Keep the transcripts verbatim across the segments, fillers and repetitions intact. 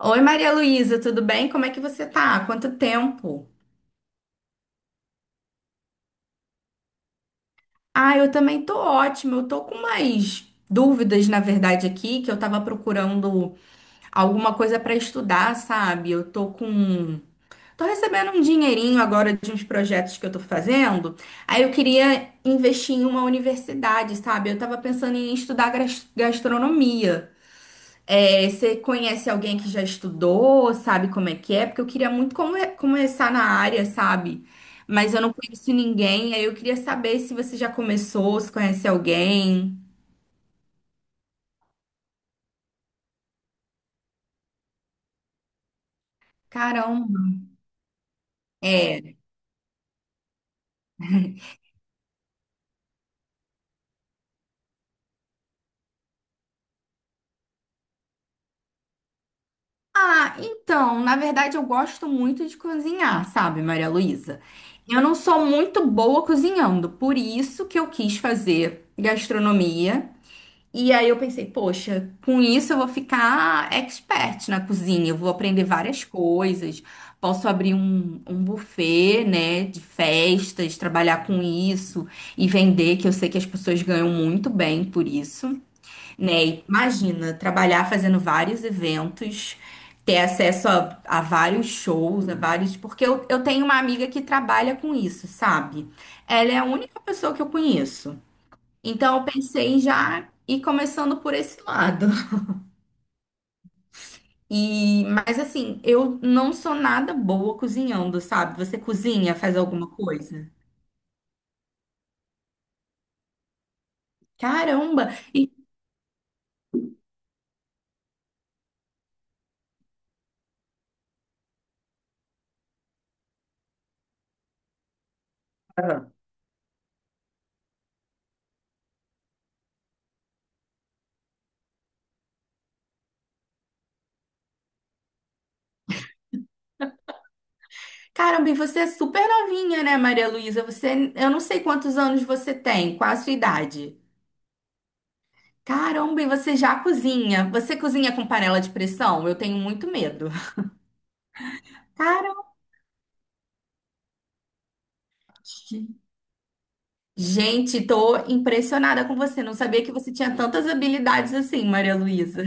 Oi, Maria Luísa, tudo bem? Como é que você tá? Quanto tempo? Ah, eu também tô ótima. Eu tô com umas dúvidas, na verdade, aqui, que eu tava procurando alguma coisa pra estudar, sabe? Eu tô com. Tô recebendo um dinheirinho agora de uns projetos que eu tô fazendo. Aí eu queria investir em uma universidade, sabe? Eu tava pensando em estudar gras- gastronomia. É, você conhece alguém que já estudou, sabe como é que é? Porque eu queria muito come- começar na área, sabe? Mas eu não conheço ninguém, aí eu queria saber se você já começou, se conhece alguém. Caramba. É. Ah, então, na verdade eu gosto muito de cozinhar, sabe, Maria Luísa? Eu não sou muito boa cozinhando, por isso que eu quis fazer gastronomia. E aí eu pensei, poxa, com isso eu vou ficar expert na cozinha, eu vou aprender várias coisas, posso abrir um, um buffet, né, de festas, trabalhar com isso e vender, que eu sei que as pessoas ganham muito bem por isso, né? E imagina, trabalhar fazendo vários eventos, ter acesso a, a vários shows, a vários. Porque eu, eu tenho uma amiga que trabalha com isso, sabe? Ela é a única pessoa que eu conheço. Então eu pensei já ir começando por esse lado. E, mas assim, eu não sou nada boa cozinhando, sabe? Você cozinha, faz alguma coisa? Caramba! E caramba, e você é super novinha, né, Maria Luísa? Você, eu não sei quantos anos você tem, qual a sua idade? Caramba, e você já cozinha? Você cozinha com panela de pressão? Eu tenho muito medo. Caramba! Gente, tô impressionada com você. Não sabia que você tinha tantas habilidades assim, Maria Luísa.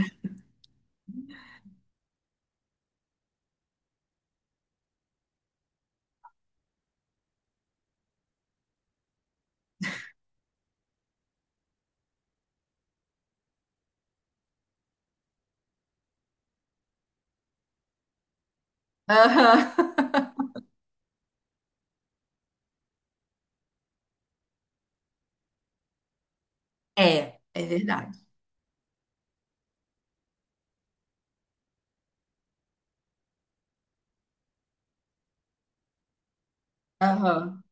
Aham. É, é verdade. Aham.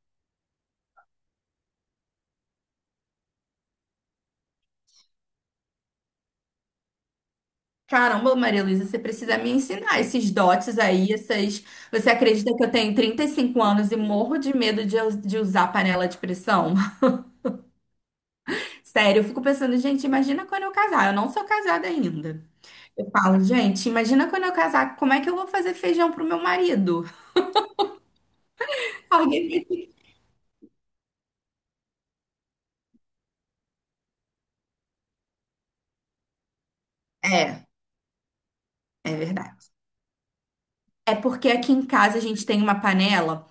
Caramba, Maria Luísa, você precisa me ensinar esses dotes aí, essas... Você acredita que eu tenho trinta e cinco anos e morro de medo de, us- de usar panela de pressão? Sério, eu fico pensando, gente, imagina quando eu casar. Eu não sou casada ainda. Eu falo, gente, imagina quando eu casar, como é que eu vou fazer feijão pro meu marido? Alguém me... É, é verdade. É porque aqui em casa a gente tem uma panela.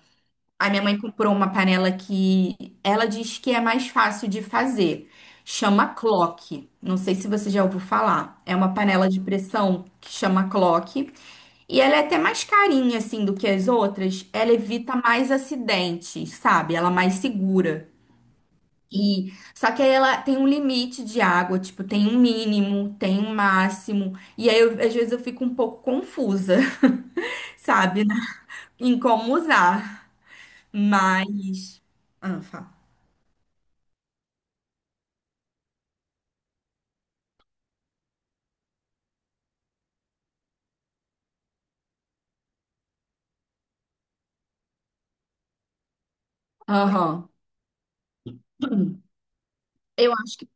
A minha mãe comprou uma panela que ela diz que é mais fácil de fazer. Chama clock. Não sei se você já ouviu falar. É uma panela de pressão que chama clock. E ela é até mais carinha, assim, do que as outras. Ela evita mais acidentes, sabe? Ela é mais segura. E só que aí ela tem um limite de água, tipo, tem um mínimo, tem um máximo. E aí, eu- às vezes, eu fico um pouco confusa, sabe? Né? Em como usar. Mas. Ah, fala. Aham. Eu acho que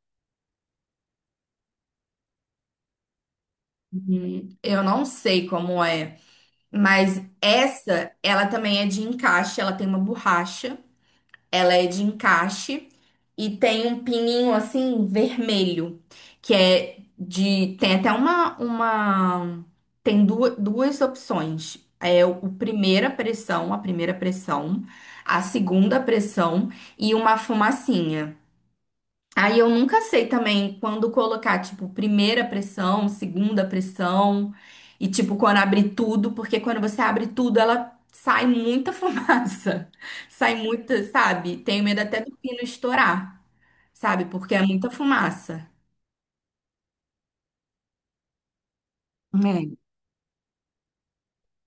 hum, eu não sei como é, mas essa ela também é de encaixe, ela tem uma borracha, ela é de encaixe e tem um pininho assim vermelho, que é de tem até uma uma tem duas, duas opções. É o o primeira pressão, a primeira pressão, a segunda pressão e uma fumacinha. Aí eu nunca sei também quando colocar, tipo, primeira pressão, segunda pressão, e tipo, quando abrir tudo, porque quando você abre tudo, ela sai muita fumaça. Sai muita, sabe? Tenho medo até do pino estourar, sabe? Porque é muita fumaça.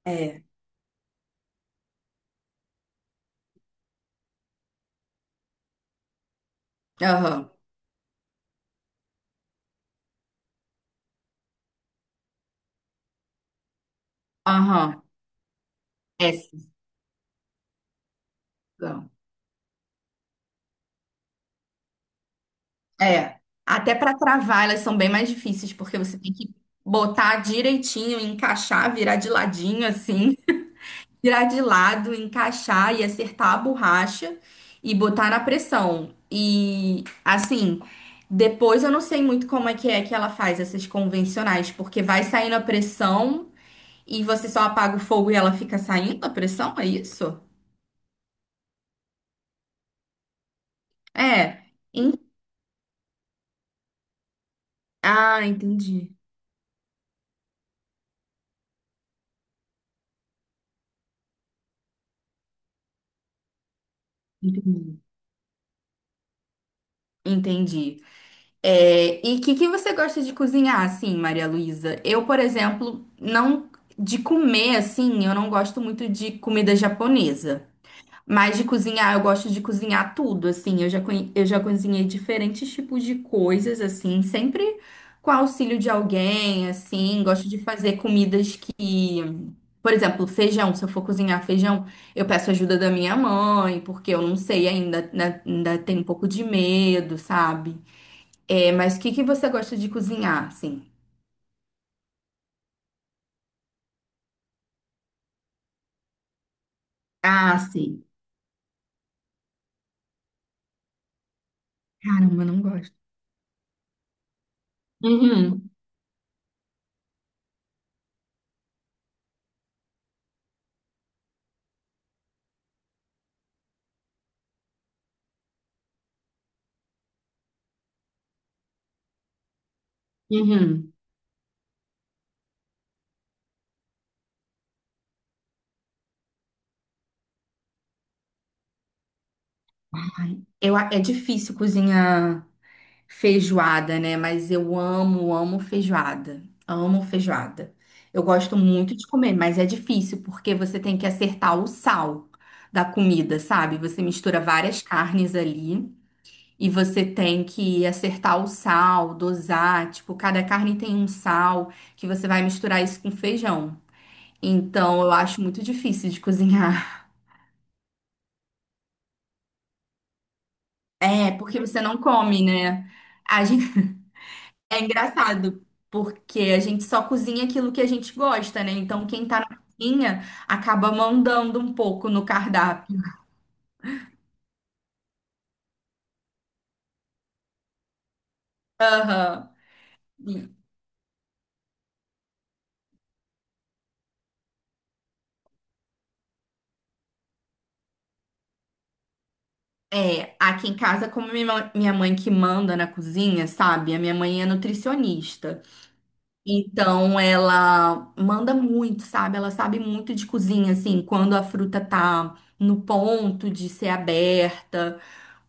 É, é. Aham, aham. Essas são. É. Até para travar, elas são bem mais difíceis, porque você tem que botar direitinho, encaixar, virar de ladinho, assim. Tirar de lado, encaixar e acertar a borracha e botar na pressão. E assim, depois eu não sei muito como é que é que ela faz essas convencionais, porque vai saindo a pressão e você só apaga o fogo e ela fica saindo a pressão, é isso? É. En- Ah, entendi. Entendi. Entendi. É, e o que que você gosta de cozinhar, assim, Maria Luísa? Eu, por exemplo, não de comer assim, eu não gosto muito de comida japonesa. Mas de cozinhar, eu gosto de cozinhar tudo, assim. Eu já, conhe- eu já cozinhei diferentes tipos de coisas, assim, sempre com auxílio de alguém, assim. Gosto de fazer comidas que, por exemplo, feijão. Se eu for cozinhar feijão, eu peço ajuda da minha mãe, porque eu não sei ainda, né? Ainda tenho um pouco de medo, sabe? É, mas o que que você gosta de cozinhar, assim? Ah, sim. Caramba, eu não gosto. Uhum, uhum. Ai, eu, a- é difícil cozinhar. Feijoada, né? Mas eu amo, amo feijoada. Amo feijoada. Eu gosto muito de comer, mas é difícil porque você tem que acertar o sal da comida, sabe? Você mistura várias carnes ali e você tem que acertar o sal, dosar. Tipo, cada carne tem um sal que você vai misturar isso com feijão. Então, eu acho muito difícil de cozinhar. É, porque você não come, né? A gente. É engraçado, porque a gente só cozinha aquilo que a gente gosta, né? Então, quem tá na cozinha acaba mandando um pouco no cardápio. Aham. É, aqui em casa, como minha ma- minha mãe que manda na cozinha, sabe? A minha mãe é nutricionista. Então ela manda muito, sabe? Ela sabe muito de cozinha, assim, quando a fruta tá no ponto de ser aberta,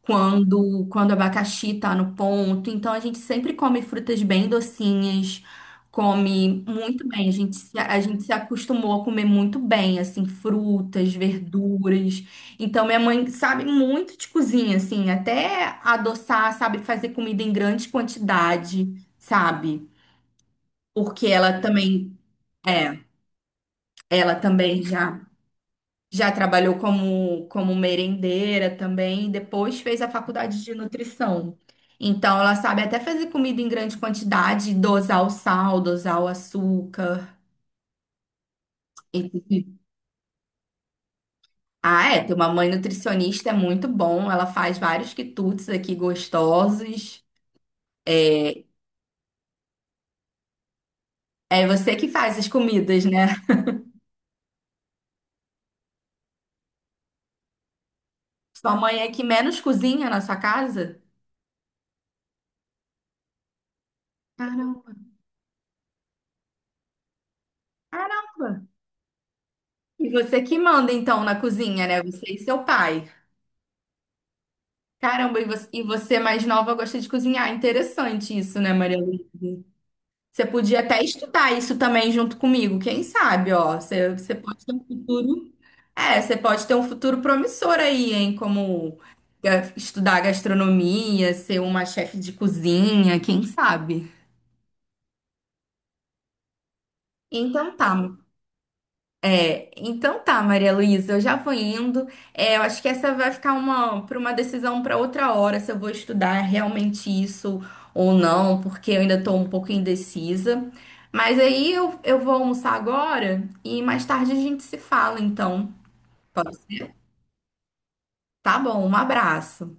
quando quando o abacaxi tá no ponto. Então a gente sempre come frutas bem docinhas, come muito bem. A gente se, a gente se acostumou a comer muito bem, assim, frutas, verduras. Então minha mãe sabe muito de cozinha, assim, até adoçar, sabe fazer comida em grande quantidade, sabe? Porque ela também é, ela também já já trabalhou como como merendeira também, e depois fez a faculdade de nutrição. Então ela sabe até fazer comida em grande quantidade, dosar o sal, dosar o açúcar. E- Ah, é, ter uma mãe nutricionista é muito bom. Ela faz vários quitutes aqui gostosos. É, é você que faz as comidas, né? Sua mãe é que menos cozinha na sua casa? Caramba. Caramba. E você que manda então na cozinha, né? Você e seu pai. Caramba, e você, e você mais nova gosta de cozinhar. Interessante isso, né, Maria Luísa? Você podia até estudar isso também junto comigo. Quem sabe, ó. Você, você pode ter um futuro. É, você pode ter um futuro promissor aí, hein? Como ga- estudar gastronomia, ser uma chefe de cozinha, quem sabe? Então tá, É, então tá, Maria Luísa, eu já vou indo. É, eu acho que essa vai ficar uma para uma decisão para outra hora se eu vou estudar realmente isso ou não, porque eu ainda estou um pouco indecisa. Mas aí eu, eu vou almoçar agora e mais tarde a gente se fala, então. Pode ser? Tá bom, um abraço.